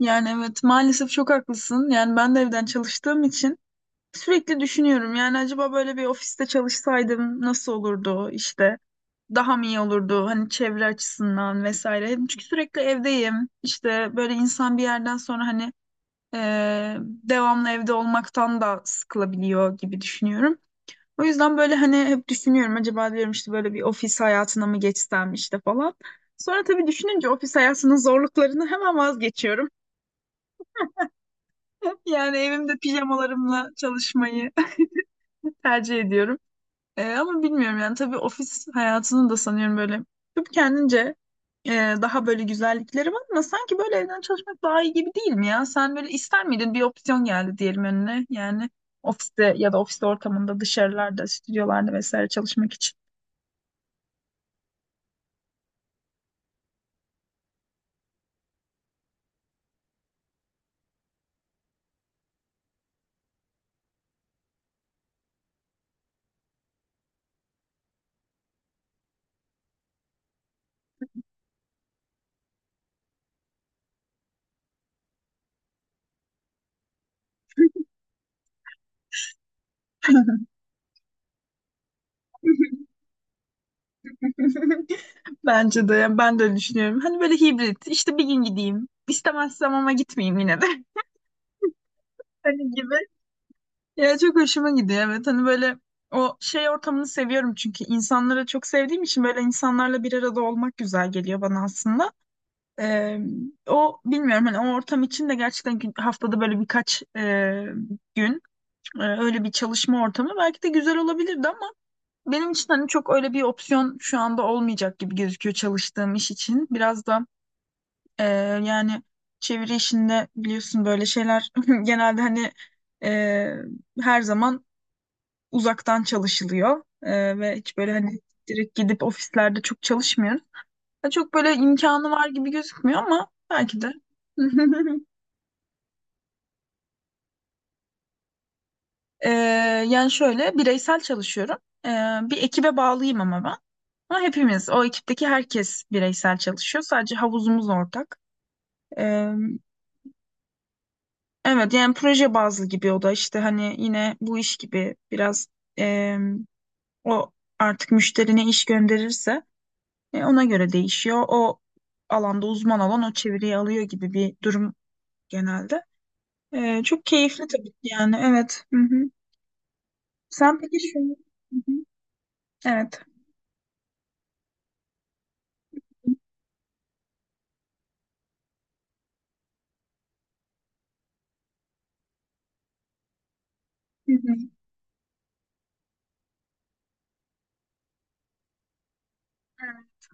Yani evet maalesef çok haklısın. Yani ben de evden çalıştığım için sürekli düşünüyorum. Yani acaba böyle bir ofiste çalışsaydım nasıl olurdu işte daha mı iyi olurdu hani çevre açısından vesaire. Çünkü sürekli evdeyim. İşte böyle insan bir yerden sonra hani devamlı evde olmaktan da sıkılabiliyor gibi düşünüyorum. O yüzden böyle hani hep düşünüyorum acaba diyorum işte böyle bir ofis hayatına mı geçsem işte falan. Sonra tabii düşününce ofis hayatının zorluklarını hemen vazgeçiyorum. Yani evimde pijamalarımla çalışmayı tercih ediyorum. Ama bilmiyorum yani tabii ofis hayatının da sanıyorum böyle hep kendince e, daha böyle güzellikleri var ama sanki böyle evden çalışmak daha iyi gibi değil mi ya? Sen böyle ister miydin bir opsiyon geldi diyelim önüne yani ofiste ya da ofis ortamında dışarılarda, stüdyolarda vesaire çalışmak için. Bence de yani ben de öyle düşünüyorum. Hani böyle hibrit işte bir gün gideyim istemezsem ama gitmeyeyim yine de hani gibi. Ya çok hoşuma gidiyor evet hani böyle o şey ortamını seviyorum çünkü insanları çok sevdiğim için böyle insanlarla bir arada olmak güzel geliyor bana aslında. Ee, O bilmiyorum hani o ortam için de gerçekten haftada böyle birkaç gün öyle bir çalışma ortamı belki de güzel olabilirdi ama benim için hani çok öyle bir opsiyon şu anda olmayacak gibi gözüküyor çalıştığım iş için. Biraz da e, yani çeviri işinde biliyorsun böyle şeyler genelde hani e, her zaman uzaktan çalışılıyor. Ve hiç böyle hani direkt gidip ofislerde çok çalışmıyoruz. Ya çok böyle imkanı var gibi gözükmüyor ama belki de. Ee, Yani şöyle bireysel çalışıyorum. Ee, Bir ekibe bağlıyım ama ben. Ama hepimiz o ekipteki herkes bireysel çalışıyor. Sadece havuzumuz ortak. Ee, evet yani proje bazlı gibi o da işte hani yine bu iş gibi biraz em, o artık müşterine iş gönderirse ona göre değişiyor. O alanda uzman olan o çeviriyi alıyor gibi bir durum genelde. Çok keyifli tabii ki yani evet. Hı hı. Sen peki şu... Hı hı. Evet. Hı hı. Evet.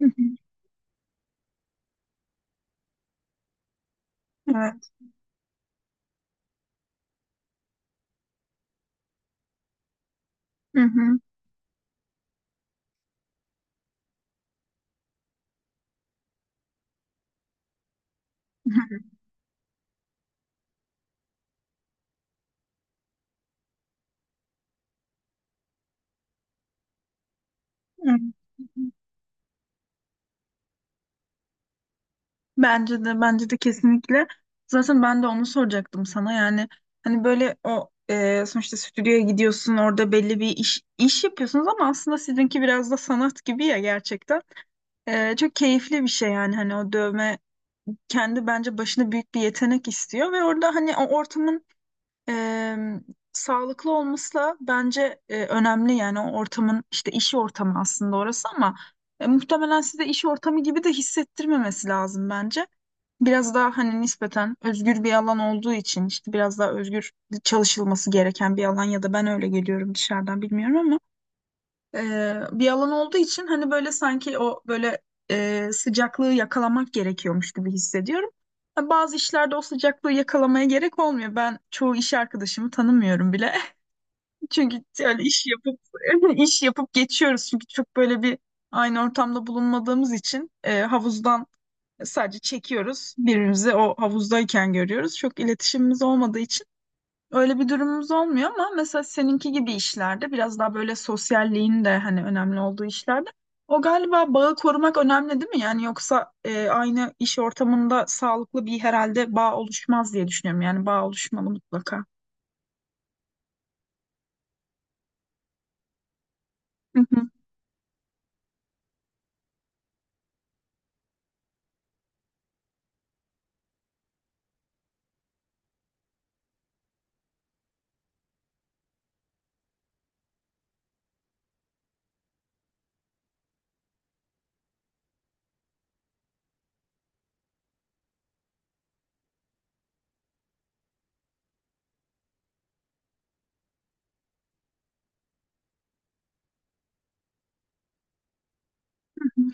Hı hı. Evet. Hı hı. Hı hı. Bence de bence de kesinlikle. Zaten ben de onu soracaktım sana. Yani hani böyle o sonuçta stüdyoya gidiyorsun orada belli bir iş iş yapıyorsunuz ama aslında sizinki biraz da sanat gibi ya gerçekten. Çok keyifli bir şey yani hani o dövme kendi bence başına büyük bir yetenek istiyor ve orada hani o ortamın e, sağlıklı olması da bence önemli yani o ortamın işte iş ortamı aslında orası ama muhtemelen size iş ortamı gibi de hissettirmemesi lazım bence. Biraz daha hani nispeten özgür bir alan olduğu için işte biraz daha özgür çalışılması gereken bir alan ya da ben öyle geliyorum dışarıdan bilmiyorum ama bir alan olduğu için hani böyle sanki o böyle sıcaklığı yakalamak gerekiyormuş gibi hissediyorum. Ha, bazı işlerde o sıcaklığı yakalamaya gerek olmuyor. Ben çoğu iş arkadaşımı tanımıyorum bile. Çünkü öyle iş yapıp iş yapıp geçiyoruz. Çünkü çok böyle bir aynı ortamda bulunmadığımız için havuzdan sadece çekiyoruz. Birbirimizi o havuzdayken görüyoruz. Çok iletişimimiz olmadığı için öyle bir durumumuz olmuyor ama mesela seninki gibi işlerde biraz daha böyle sosyalliğin de hani önemli olduğu işlerde o galiba bağı korumak önemli değil mi? Yani yoksa aynı iş ortamında sağlıklı bir herhalde bağ oluşmaz diye düşünüyorum. Yani bağ oluşmalı mutlaka. Hı hı, hı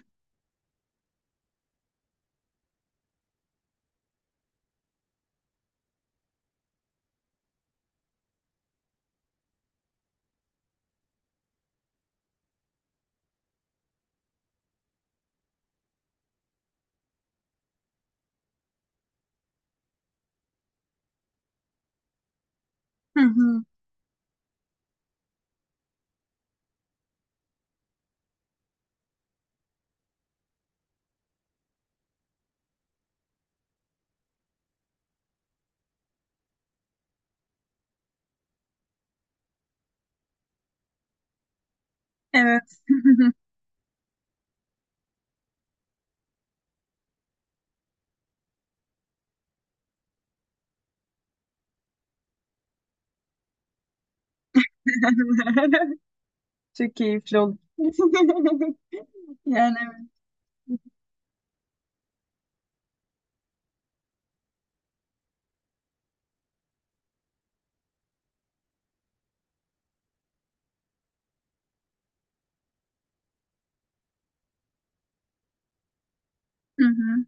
hı, evet. Çok keyifli oldu. Yani evet. Hı hı,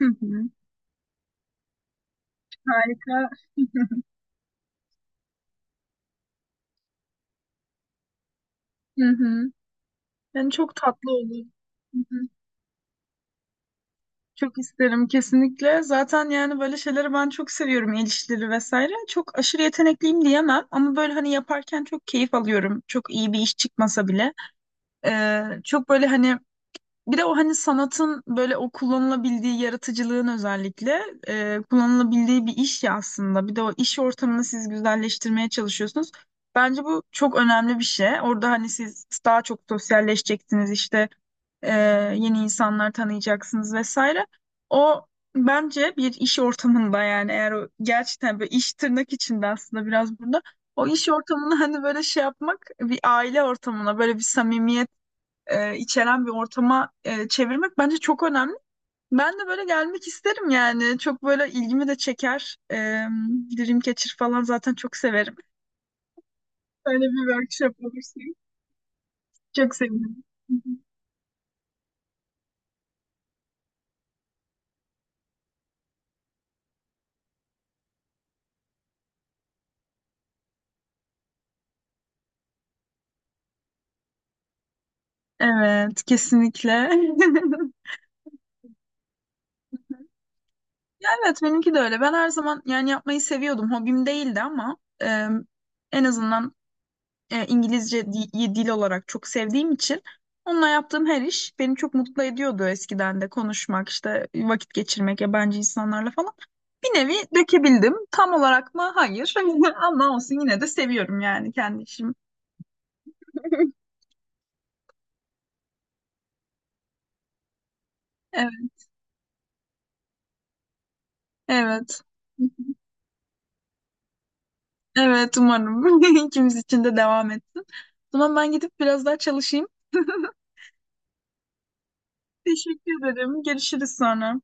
hı hı. Harika. Hı hı. Yani çok tatlı olur. Çok isterim kesinlikle. Zaten yani böyle şeyleri ben çok seviyorum. El işleri vesaire. Çok aşırı yetenekliyim diyemem ama böyle hani yaparken çok keyif alıyorum. Çok iyi bir iş çıkmasa bile. Çok böyle hani bir de o hani sanatın böyle o kullanılabildiği yaratıcılığın özellikle kullanılabildiği bir iş ya aslında. Bir de o iş ortamını siz güzelleştirmeye çalışıyorsunuz. Bence bu çok önemli bir şey. Orada hani siz daha çok sosyalleşeceksiniz işte e, yeni insanlar tanıyacaksınız vesaire. O bence bir iş ortamında yani eğer o gerçekten böyle iş tırnak içinde aslında biraz burada o iş ortamını hani böyle şey yapmak bir aile ortamına böyle bir samimiyet içeren bir ortama çevirmek bence çok önemli. Ben de böyle gelmek isterim yani çok böyle ilgimi de çeker. Dreamcatcher falan zaten çok severim. Böyle bir workshop olursa çok sevinirim. Evet kesinlikle. Evet benimki de öyle. Ben her zaman yani yapmayı seviyordum. Hobim değildi ama en azından İngilizce dil olarak çok sevdiğim için onunla yaptığım her iş beni çok mutlu ediyordu eskiden de konuşmak işte vakit geçirmek yabancı insanlarla falan. Bir nevi dökebildim. Tam olarak mı? Hayır. Ama olsun yine de seviyorum yani kendi işimi. Evet. Evet. Evet umarım ikimiz için de devam etsin. O zaman ben gidip biraz daha çalışayım. Teşekkür ederim. Görüşürüz sonra.